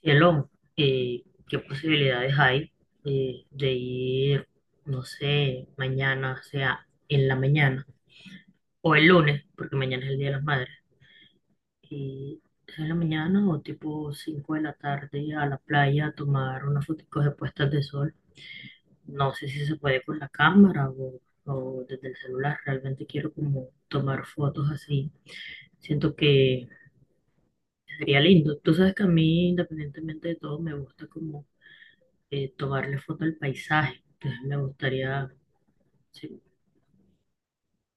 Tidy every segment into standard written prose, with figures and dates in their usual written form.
Cielo, ¿qué posibilidades hay de ir, no sé, mañana, o sea, en la mañana o el lunes, porque mañana es el Día de las Madres, y sea, en la mañana o tipo 5 de la tarde a la playa a tomar unas fotos de puestas de sol? No sé si se puede con la cámara o desde el celular, realmente quiero como tomar fotos así. Siento que sería lindo. Tú sabes que a mí, independientemente de todo, me gusta como tomarle foto al paisaje. Entonces me gustaría, si,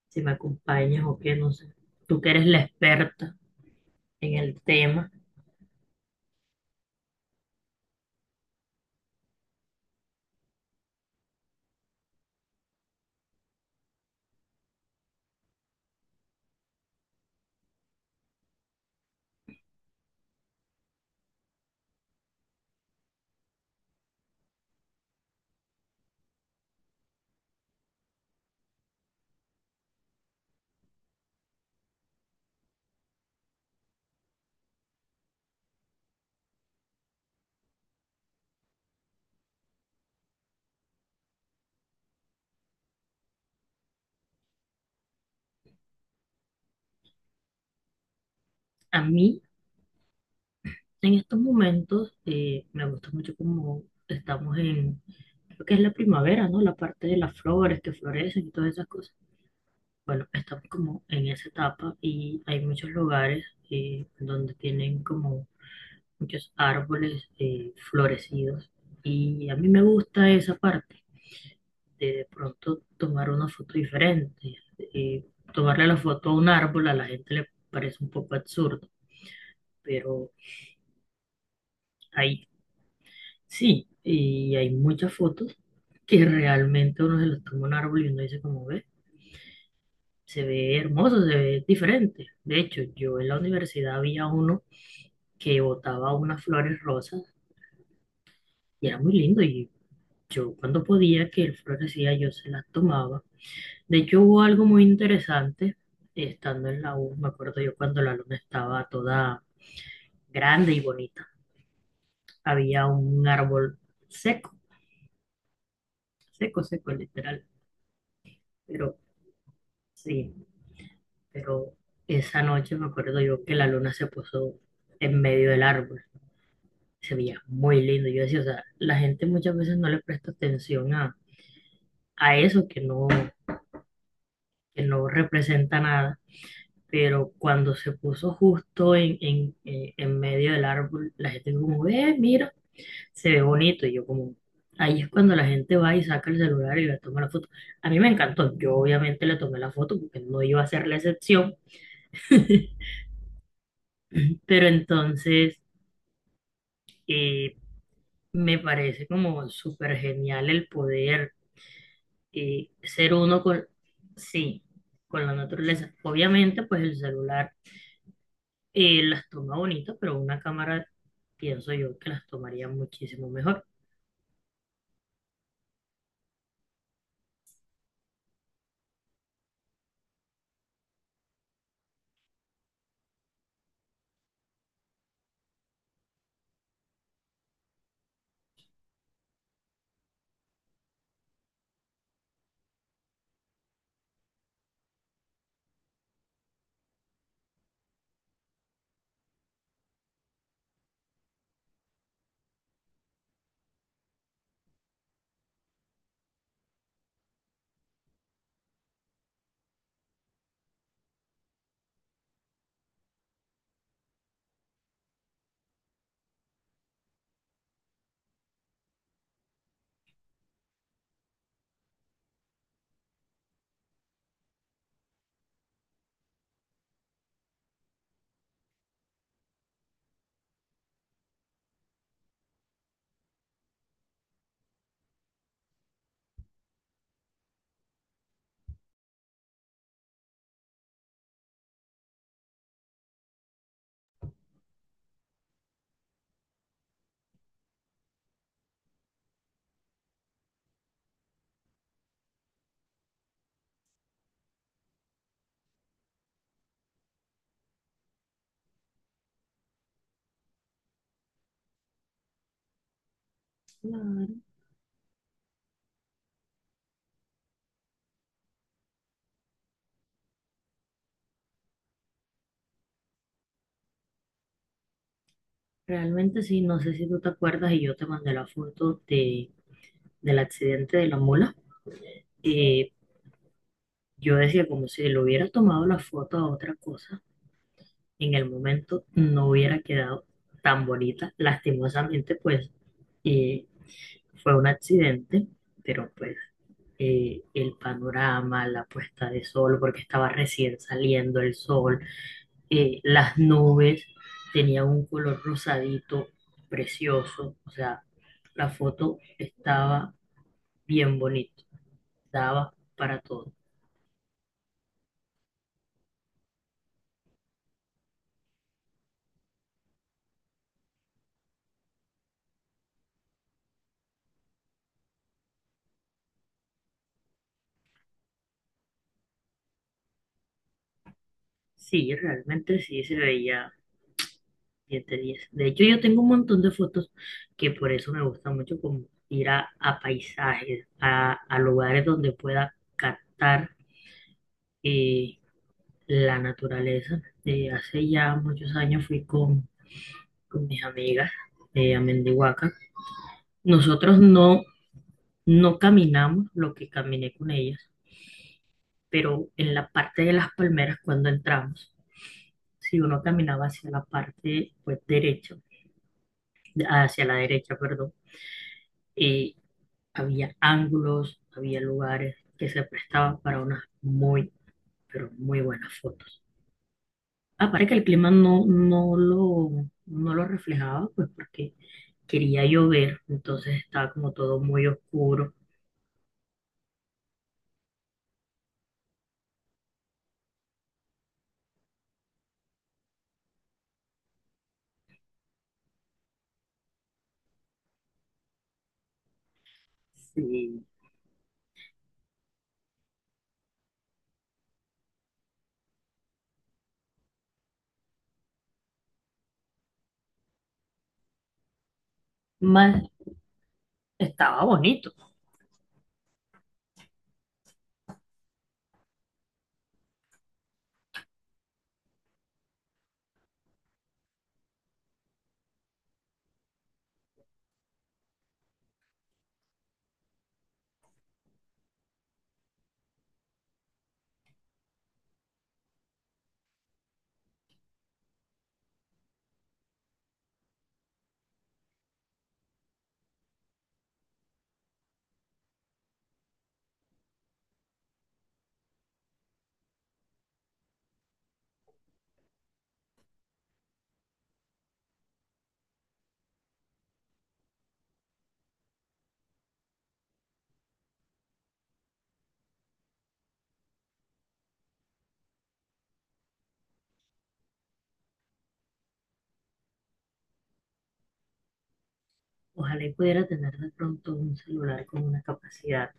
si me acompañas o qué, no sé. Tú que eres la experta en el tema. A mí, en estos momentos, me gusta mucho como estamos en, creo que es la primavera, ¿no? La parte de las flores que florecen y todas esas cosas. Bueno, estamos como en esa etapa y hay muchos lugares donde tienen como muchos árboles florecidos y a mí me gusta esa parte. De pronto tomar una foto diferente. Eh, Tomarle la foto a un árbol a la gente le parece un poco absurdo, pero hay, sí, y hay muchas fotos que realmente uno se los toma a un árbol y uno dice como ve, se ve hermoso, se ve diferente. De hecho, yo en la universidad había uno que botaba unas flores rosas y era muy lindo y yo cuando podía que el florecía yo se las tomaba. De hecho, hubo algo muy interesante estando en la U. Me acuerdo yo cuando la luna estaba toda grande y bonita. Había un árbol seco, seco, seco, literal. Pero sí, pero esa noche me acuerdo yo que la luna se puso en medio del árbol. Se veía muy lindo. Yo decía, o sea, la gente muchas veces no le presta atención a eso que no representa nada, pero cuando se puso justo en medio del árbol, la gente como, mira, se ve bonito. Y yo como, ahí es cuando la gente va y saca el celular y le toma la foto. A mí me encantó, yo obviamente le tomé la foto porque no iba a ser la excepción, pero entonces eh, me parece como súper genial el poder ser uno con, sí, con la naturaleza. Obviamente, pues el celular las toma bonitas, pero una cámara pienso yo que las tomaría muchísimo mejor. Claro. Realmente sí, no sé si tú te acuerdas y yo te mandé la foto de, del accidente de la mula. Eh, yo decía como si le hubiera tomado la foto a otra cosa, en el momento no hubiera quedado tan bonita. Lastimosamente, pues eh, fue un accidente, pero pues el panorama, la puesta de sol, porque estaba recién saliendo el sol, las nubes tenían un color rosadito precioso, o sea, la foto estaba bien bonita, daba para todo. Sí, realmente sí se veía 10 de 10. De hecho, yo tengo un montón de fotos que por eso me gusta mucho como ir a paisajes, a lugares donde pueda captar eh, la naturaleza. Hace ya muchos años fui con mis amigas a Mendihuaca. Nosotros no, no caminamos lo que caminé con ellas, pero en la parte de las palmeras cuando entramos, si uno caminaba hacia la parte pues derecha, hacia la derecha, perdón, eh, había ángulos, había lugares que se prestaban para unas muy, pero muy buenas fotos. Aparte que el clima no, no lo reflejaba, pues porque quería llover, entonces estaba como todo muy oscuro. Sí. Más, estaba bonito. Ojalá y pudiera tener de pronto un celular con una capacidad,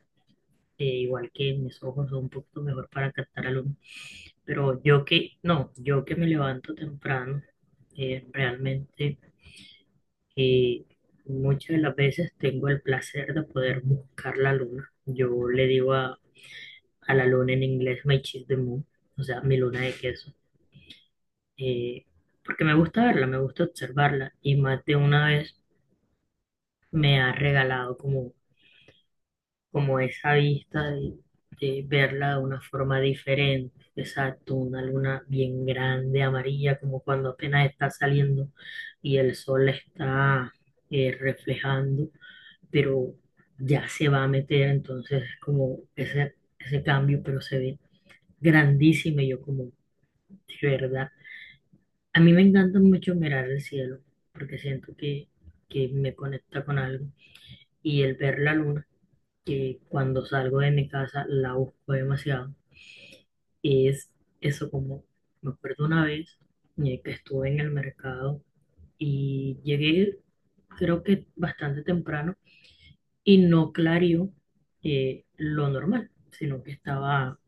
igual que mis ojos son un poquito mejor para captar a luz, pero yo que, no, yo que me levanto temprano, realmente eh, muchas de las veces tengo el placer de poder buscar la luna. Yo le digo a la luna en inglés, my cheese the moon, o sea, mi luna de queso, eh, porque me gusta verla, me gusta observarla y más de una vez me ha regalado como como esa vista de verla de una forma diferente. Exacto, una luna bien grande, amarilla, como cuando apenas está saliendo y el sol la está reflejando, pero ya se va a meter, entonces es como ese cambio, pero se ve grandísimo y yo como, de verdad. A mí me encanta mucho mirar el cielo, porque siento que me conecta con algo. Y el ver la luna que cuando salgo de mi casa la busco demasiado. Y es eso como, me acuerdo una vez que estuve en el mercado y llegué creo que bastante temprano y no clarió lo normal, sino que estaba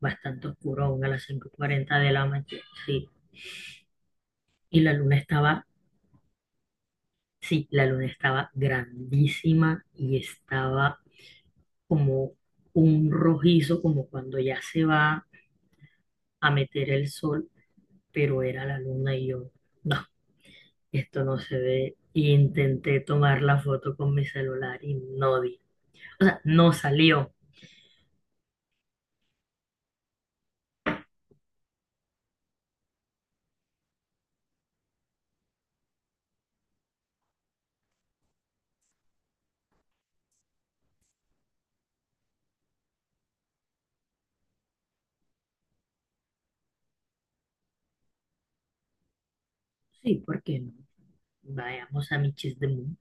bastante oscuro aún a las 5:40 de la mañana. Sí, y la luna estaba, sí, la luna estaba grandísima y estaba como un rojizo, como cuando ya se va a meter el sol, pero era la luna y yo, no, esto no se ve. Y intenté tomar la foto con mi celular y no di. O sea, no salió. Sí, ¿por qué no? Vayamos a Michis de Mundo.